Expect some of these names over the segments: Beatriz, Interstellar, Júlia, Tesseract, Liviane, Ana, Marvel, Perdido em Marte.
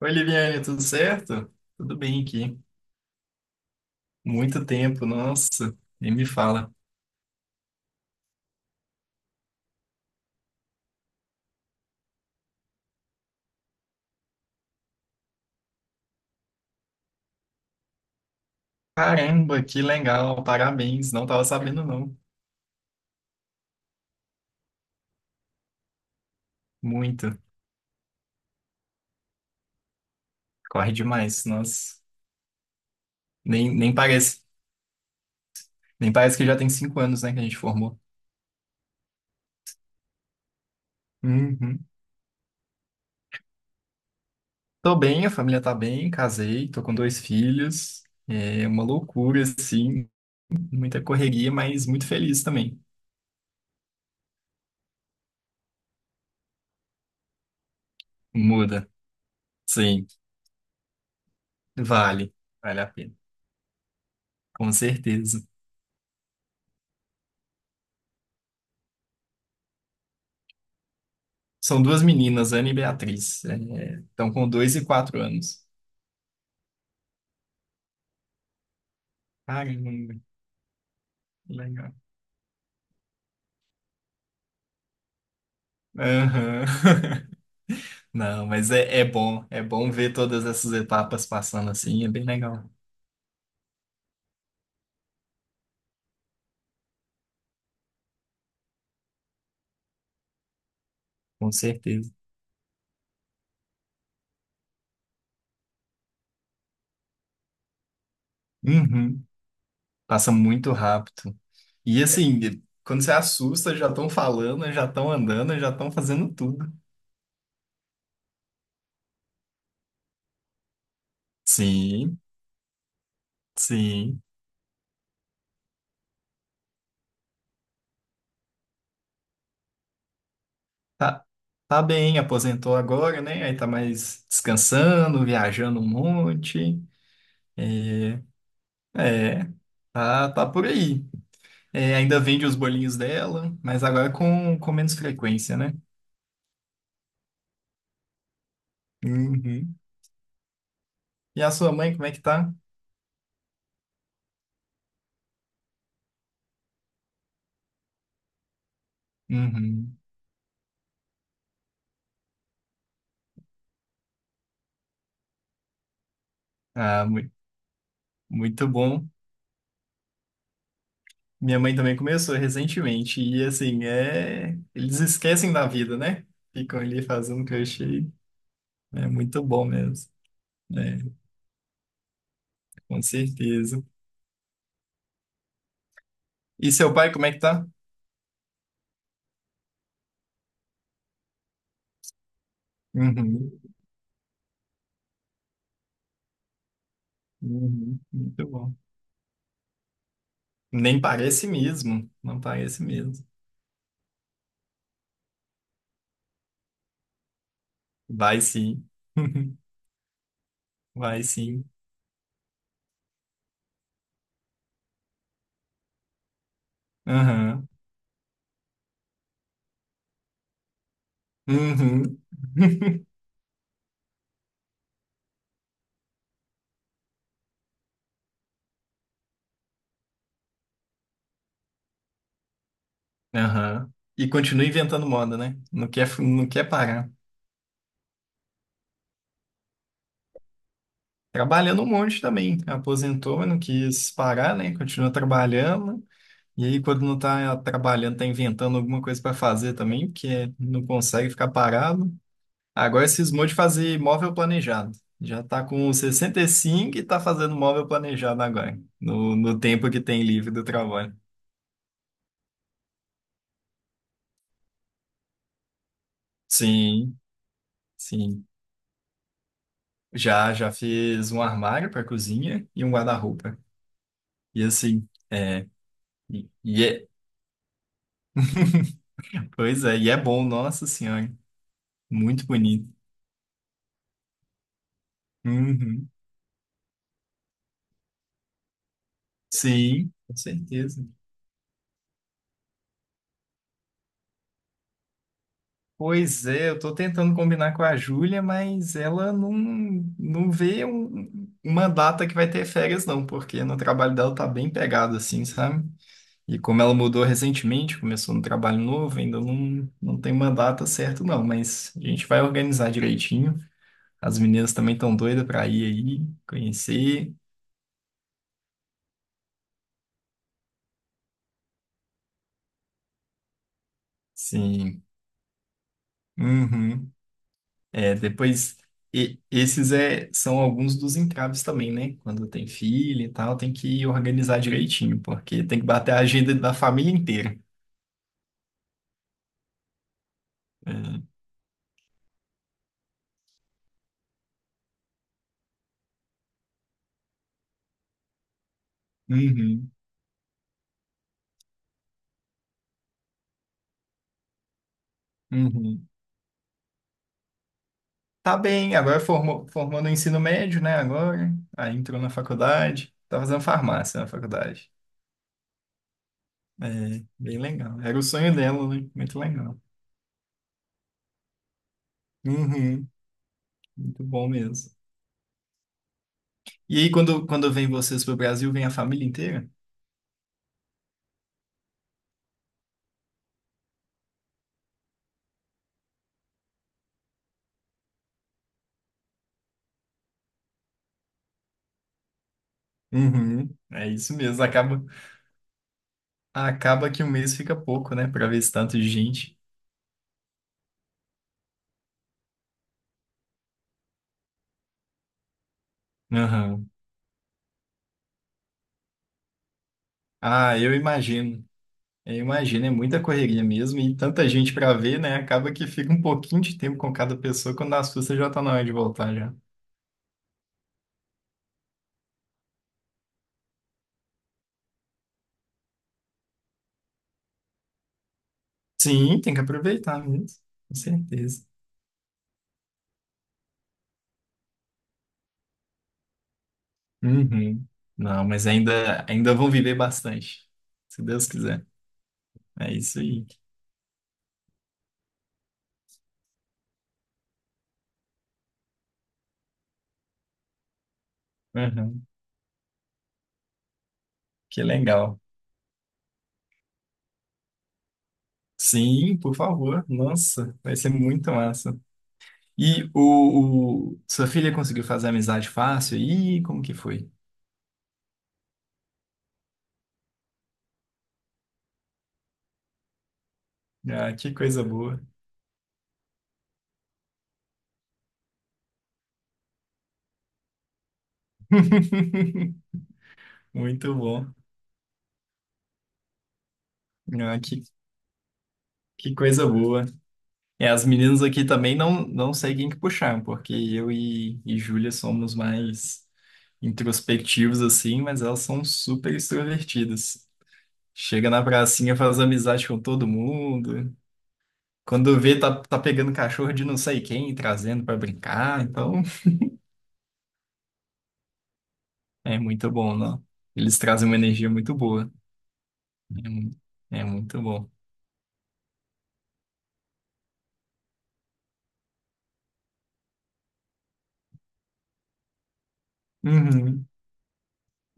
Oi, Liviane, tudo certo? Tudo bem aqui. Muito tempo, nossa, nem me fala. Caramba, que legal, parabéns. Não tava sabendo, não. Muito. Corre demais, nossa. Nem parece. Nem parece que já tem 5 anos, né, que a gente formou. Uhum. Tô bem, a família tá bem, casei, tô com dois filhos. É uma loucura, assim, muita correria, mas muito feliz também. Muda. Sim, vale. Vale a pena. Com certeza. São duas meninas, Ana e Beatriz. É, estão com 2 e 4 anos. Caramba, que legal. Aham. Não, mas é, é bom. É bom ver todas essas etapas passando assim. É bem legal. Com certeza. Uhum. Passa muito rápido. E assim, quando você assusta, já estão falando, já estão andando, já estão fazendo tudo. Sim, sim. Tá, tá bem, aposentou agora, né? Aí tá mais descansando, viajando um monte. É, é. Tá, tá por aí. É, ainda vende os bolinhos dela, mas agora com menos frequência, né? Uhum. E a sua mãe, como é que tá? Uhum. Ah, muito bom. Minha mãe também começou recentemente. E assim, é, eles esquecem da vida, né? Ficam ali fazendo crochê. É muito bom mesmo. É, com certeza. E seu pai, como é que tá? Uhum. Uhum. Muito bom. Nem parece mesmo. Não parece mesmo. Vai sim. Vai sim. Aham. Uhum. Aham. E continua inventando moda, né? Não quer, não quer parar. Trabalhando um monte também. Aposentou, mas não quis parar, né? Continua trabalhando. E aí, quando não tá trabalhando, tá inventando alguma coisa para fazer também, porque não consegue ficar parado. Agora cismou de fazer móvel planejado. Já tá com 65 e cinco e tá fazendo móvel planejado agora, no tempo que tem livre do trabalho. Sim, sim. Já fiz um armário para cozinha e um guarda-roupa. E assim, é, e, e é, pois é, e é bom, nossa senhora, muito bonito. Uhum. Sim, com certeza. Pois é, eu tô tentando combinar com a Júlia, mas ela não vê uma data que vai ter férias, não, porque no trabalho dela tá bem pegado, assim, sabe? E como ela mudou recentemente, começou no trabalho novo, ainda não tem uma data certa, não, mas a gente vai organizar direitinho. As meninas também estão doidas para ir aí, conhecer. Sim. Uhum. É, depois, esses é, são alguns dos entraves também, né? Quando tem filho e tal, tem que organizar direitinho, porque tem que bater a agenda da família inteira. É. Uhum. Uhum. Tá bem, agora formou, formou no ensino médio, né? Agora, aí entrou na faculdade, tá fazendo farmácia na faculdade. É, bem legal. Era o sonho dela, né? Muito legal. Uhum. Muito bom mesmo. E aí, quando vem vocês pro Brasil, vem a família inteira? Uhum, é isso mesmo. Acaba, acaba que um mês fica pouco, né? Pra ver esse tanto de gente. Aham. Ah, eu imagino. Eu imagino, é muita correria mesmo e tanta gente pra ver, né? Acaba que fica um pouquinho de tempo com cada pessoa, quando as suas já tá na hora de voltar já. Sim, tem que aproveitar mesmo, com certeza. Uhum. Não, mas ainda vão viver bastante, se Deus quiser. É isso aí. Uhum. Que legal. Sim, por favor. Nossa, vai ser muito massa. E sua filha conseguiu fazer amizade fácil? Ih, como que foi? Ah, que coisa boa. Muito bom. Ah, que coisa boa. É, as meninas aqui também não, não sei quem que puxar, porque eu e Júlia somos mais introspectivos assim, mas elas são super extrovertidas. Chega na pracinha, faz amizade com todo mundo. Quando vê, tá pegando cachorro de não sei quem e trazendo pra brincar. Então, é muito bom, não? Eles trazem uma energia muito boa. É, é muito bom. Uhum.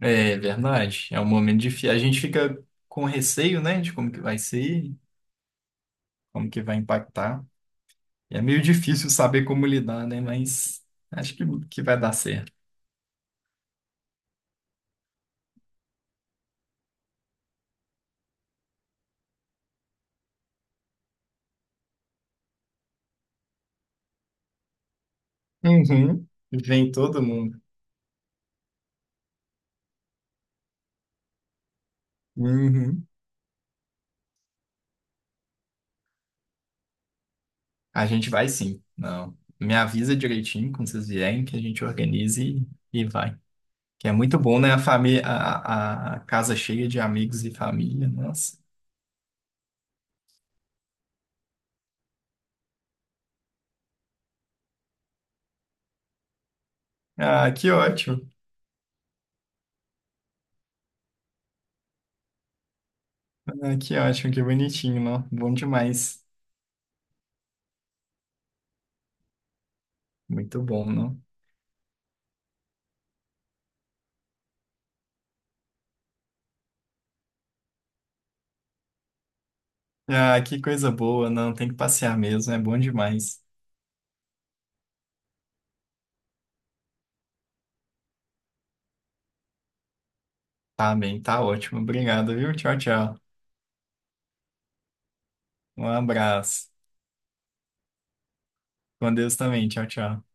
É verdade. É um momento difícil. A gente fica com receio, né, de como que vai ser, como que vai impactar. É meio difícil saber como lidar, né? Mas acho que vai dar certo. Uhum. Vem todo mundo. Uhum. A gente vai sim. Não. Me avisa direitinho quando vocês vierem que a gente organize e vai. Que é muito bom, né? A família, a casa cheia de amigos e família. Nossa. Ah, que ótimo. Ah, que ótimo, que bonitinho, não? Bom demais. Muito bom, não? Ah, que coisa boa, não. Tem que passear mesmo, é bom demais. Tá bem, tá ótimo. Obrigado, viu? Tchau, tchau. Um abraço. Com Deus também. Tchau, tchau.